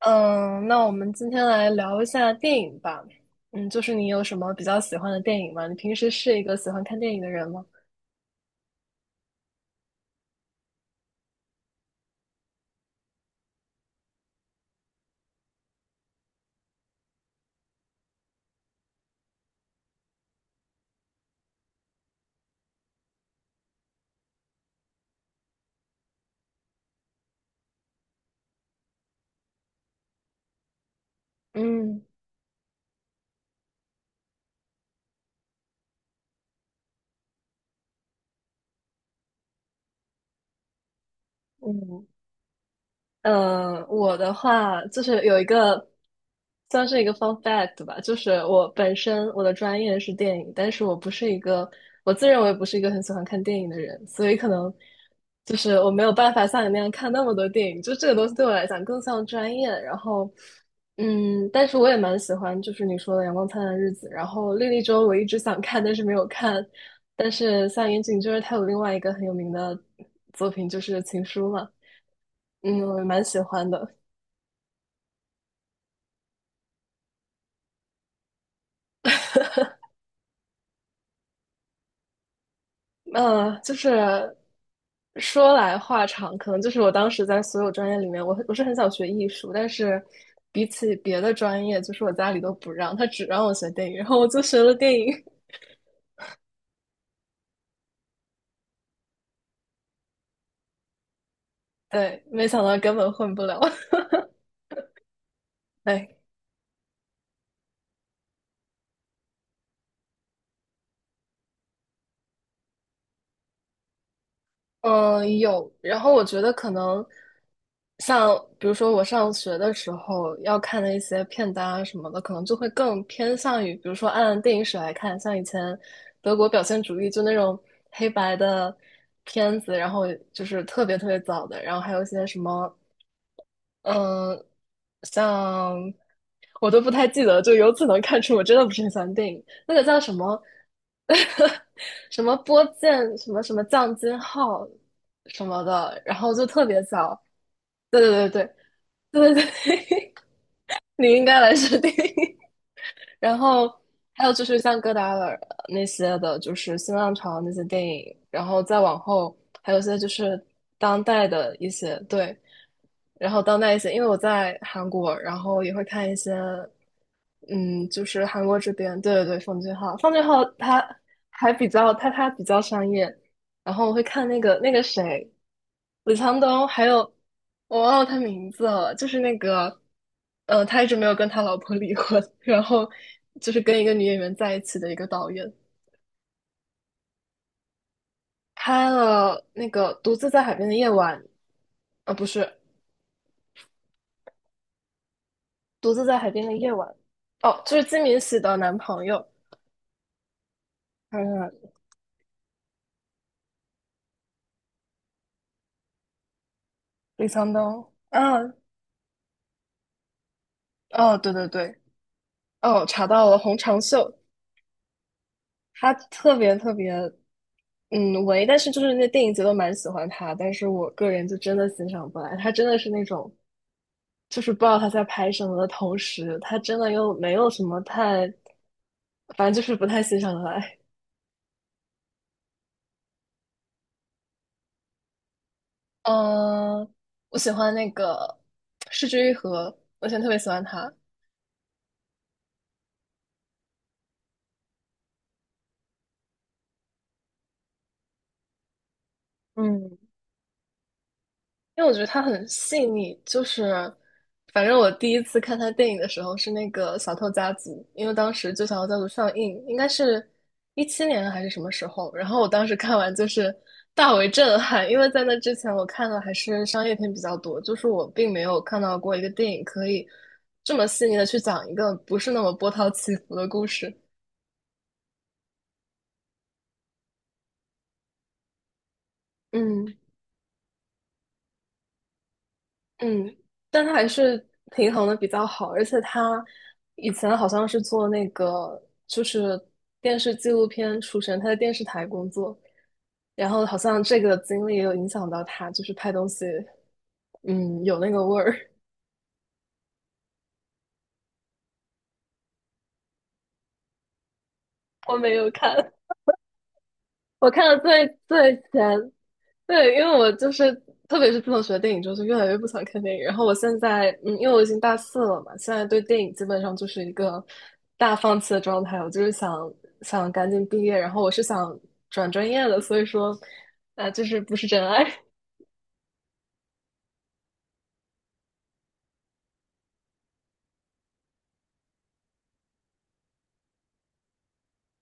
嗯，那我们今天来聊一下电影吧。嗯，就是你有什么比较喜欢的电影吗？你平时是一个喜欢看电影的人吗？嗯嗯，嗯，我的话就是有一个算是一个 fun fact 吧，就是我本身我的专业是电影，但是我不是一个我自认为不是一个很喜欢看电影的人，所以可能就是我没有办法像你那样看那么多电影，就这个东西对我来讲更像专业。然后，嗯，但是我也蛮喜欢就是你说的《阳光灿烂的日子》，然后《莉莉周》我一直想看，但是没有看。但是像岩井就是他有另外一个很有名的作品就是《情书》嘛。嗯，我蛮喜欢的。嗯，就是说来话长，可能就是我当时在所有专业里面，我是很想学艺术，但是比起别的专业，就是我家里都不让，他只让我学电影，然后我就学了电影。对，没想到根本混不了。哎，嗯，有。然后我觉得可能像，比如说我上学的时候要看的一些片单啊什么的，可能就会更偏向于，比如说按电影史来看，像以前德国表现主义就那种黑白的片子，然后就是特别特别早的，然后还有一些什么嗯，像我都不太记得，就由此能看出我真的不是很喜欢电影。那个叫什么 什么波剑什么什么降金号什么的，然后就特别小。对对对对对对对，你应该来试电影。然后还有就是像戈达尔那些的，就是新浪潮那些电影，然后再往后还有一些就是当代的一些对，然后当代一些，因为我在韩国，然后也会看一些，嗯，就是韩国这边，对对对，奉俊昊，奉俊昊他还比较他比较商业，然后我会看那个谁，李沧东，还有我忘了他名字了，就是那个，他一直没有跟他老婆 离婚，然后就是跟一个女演员在一起的一个导演，拍了那个《独自在海边的夜晚》，不是《独自在海边的夜晚》，哦，就是金敏喜的男朋友，嗯，李沧东，嗯，哦，对对对，哦，查到了，洪长秀，他特别特别，嗯，唯，但是就是那电影节都蛮喜欢他，但是我个人就真的欣赏不来，他真的是那种，就是不知道他在拍什么的同时，他真的又没有什么太，反正就是不太欣赏得来。嗯、我喜欢那个《失之愈合》，我以前特别喜欢他。嗯，因为我觉得它很细腻，就是反正我第一次看他电影的时候是那个《小偷家族》，因为当时就《小偷家族》上映，应该是17年还是什么时候，然后我当时看完就是大为震撼，因为在那之前我看的还是商业片比较多，就是我并没有看到过一个电影可以这么细腻的去讲一个不是那么波涛起伏的故事。嗯嗯，但他还是平衡的比较好，而且他以前好像是做那个就是电视纪录片出身，他在电视台工作，然后好像这个经历也有影响到他，就是拍东西，嗯，有那个味儿。我没有看，我看了最最前。对，因为我就是特别是自从学电影之后，就越来越不想看电影。然后我现在，嗯，因为我已经大四了嘛，现在对电影基本上就是一个大放弃的状态。我就是想赶紧毕业，然后我是想转专业的，所以说，啊，就是不是真爱。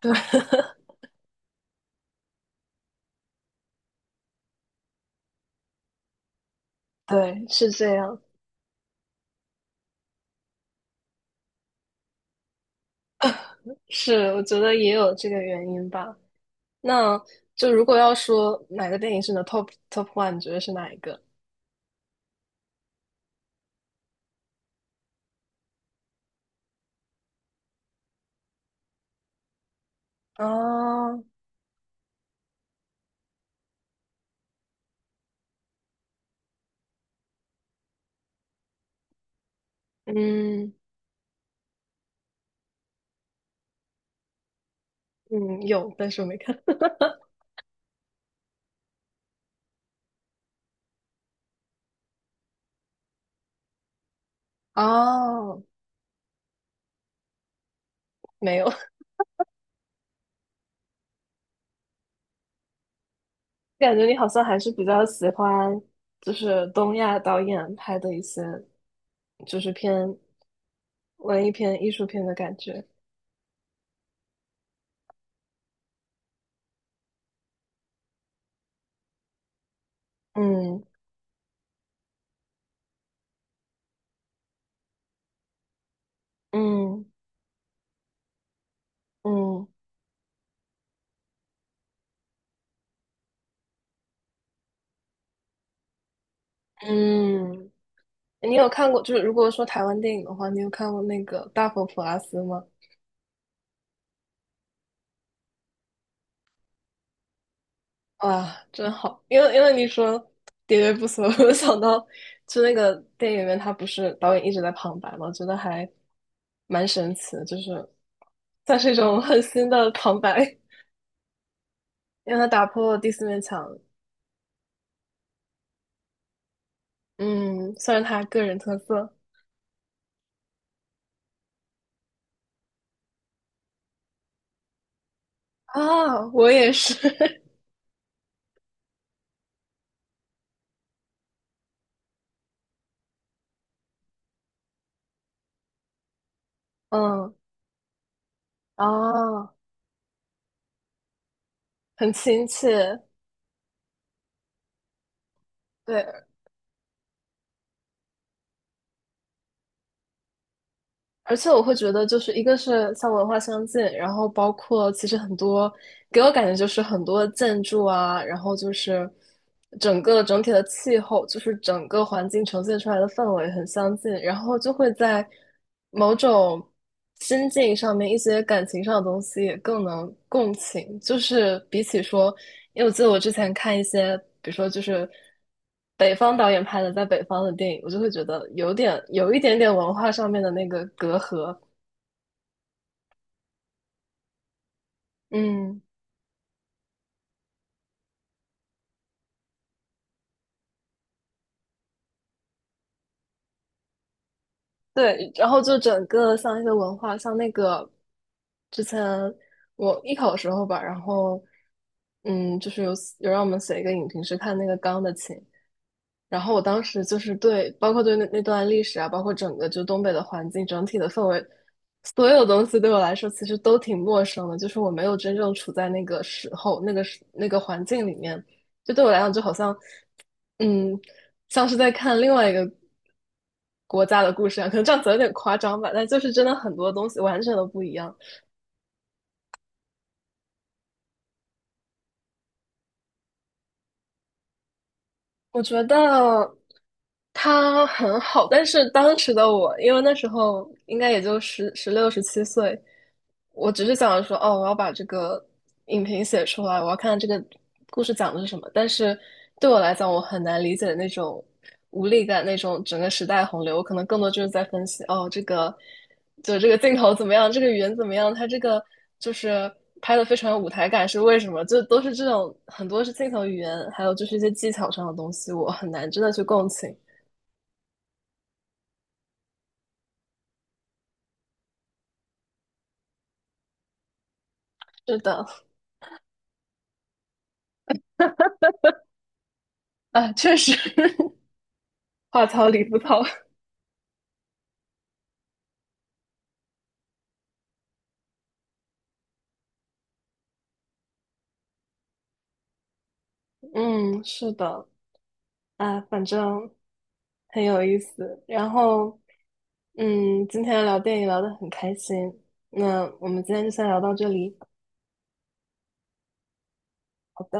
对对，是这样，是我觉得也有这个原因吧。那就如果要说哪个电影是你的 top one,你觉得是哪一个？哦，嗯嗯，有，但是我没看。哦，没有，感觉你好像还是比较喜欢，就是东亚导演拍的一些，就是偏文艺片、艺术片的感觉。嗯嗯嗯嗯，你有看过？就是如果说台湾电影的话，你有看过那个《大佛普拉斯》吗？啊，真好！因为你说喋喋不休，我就想到，就那个电影里面，他不是导演一直在旁白吗？我觉得还蛮神奇的，就是算是一种很新的旁白。让他打破了第四面墙。嗯，算是他个人特色啊，我也是。嗯，哦，很亲切。对，而且我会觉得，就是一个是像文化相近，然后包括其实很多给我感觉就是很多建筑啊，然后就是整个整体的气候，就是整个环境呈现出来的氛围很相近，然后就会在某种心境上面一些感情上的东西也更能共情，就是比起说，因为我记得我之前看一些，比如说就是。北方导演拍的在北方的电影，我就会觉得有点有一点点文化上面的那个隔阂。嗯，对，然后就整个像一些文化，像那个之前我艺考的时候吧，然后嗯，就是有让我们写一个影评，是看那个《钢的琴》，然后我当时就是对，包括对那段历史啊，包括整个就东北的环境、整体的氛围，所有东西对我来说其实都挺陌生的，就是我没有真正处在那个时候、那个时那个环境里面，就对我来讲就好像，嗯，像是在看另外一个国家的故事啊，可能这样子有点夸张吧，但就是真的很多东西完全都不一样。我觉得他很好，但是当时的我，因为那时候应该也就十六、17岁，我只是想着说，哦，我要把这个影评写出来，我要看看这个故事讲的是什么。但是对我来讲，我很难理解那种无力感，那种整个时代洪流，我可能更多就是在分析，哦，这个。就这个镜头怎么样，这个语言怎么样，它这个就是拍的非常有舞台感，是为什么？就都是这种很多是镜头语言，还有就是一些技巧上的东西，我很难真的去共情。是的，啊，确实 话糙理不糙。嗯，是的，啊，反正很有意思。然后，嗯，今天聊电影聊得很开心，那我们今天就先聊到这里。好的。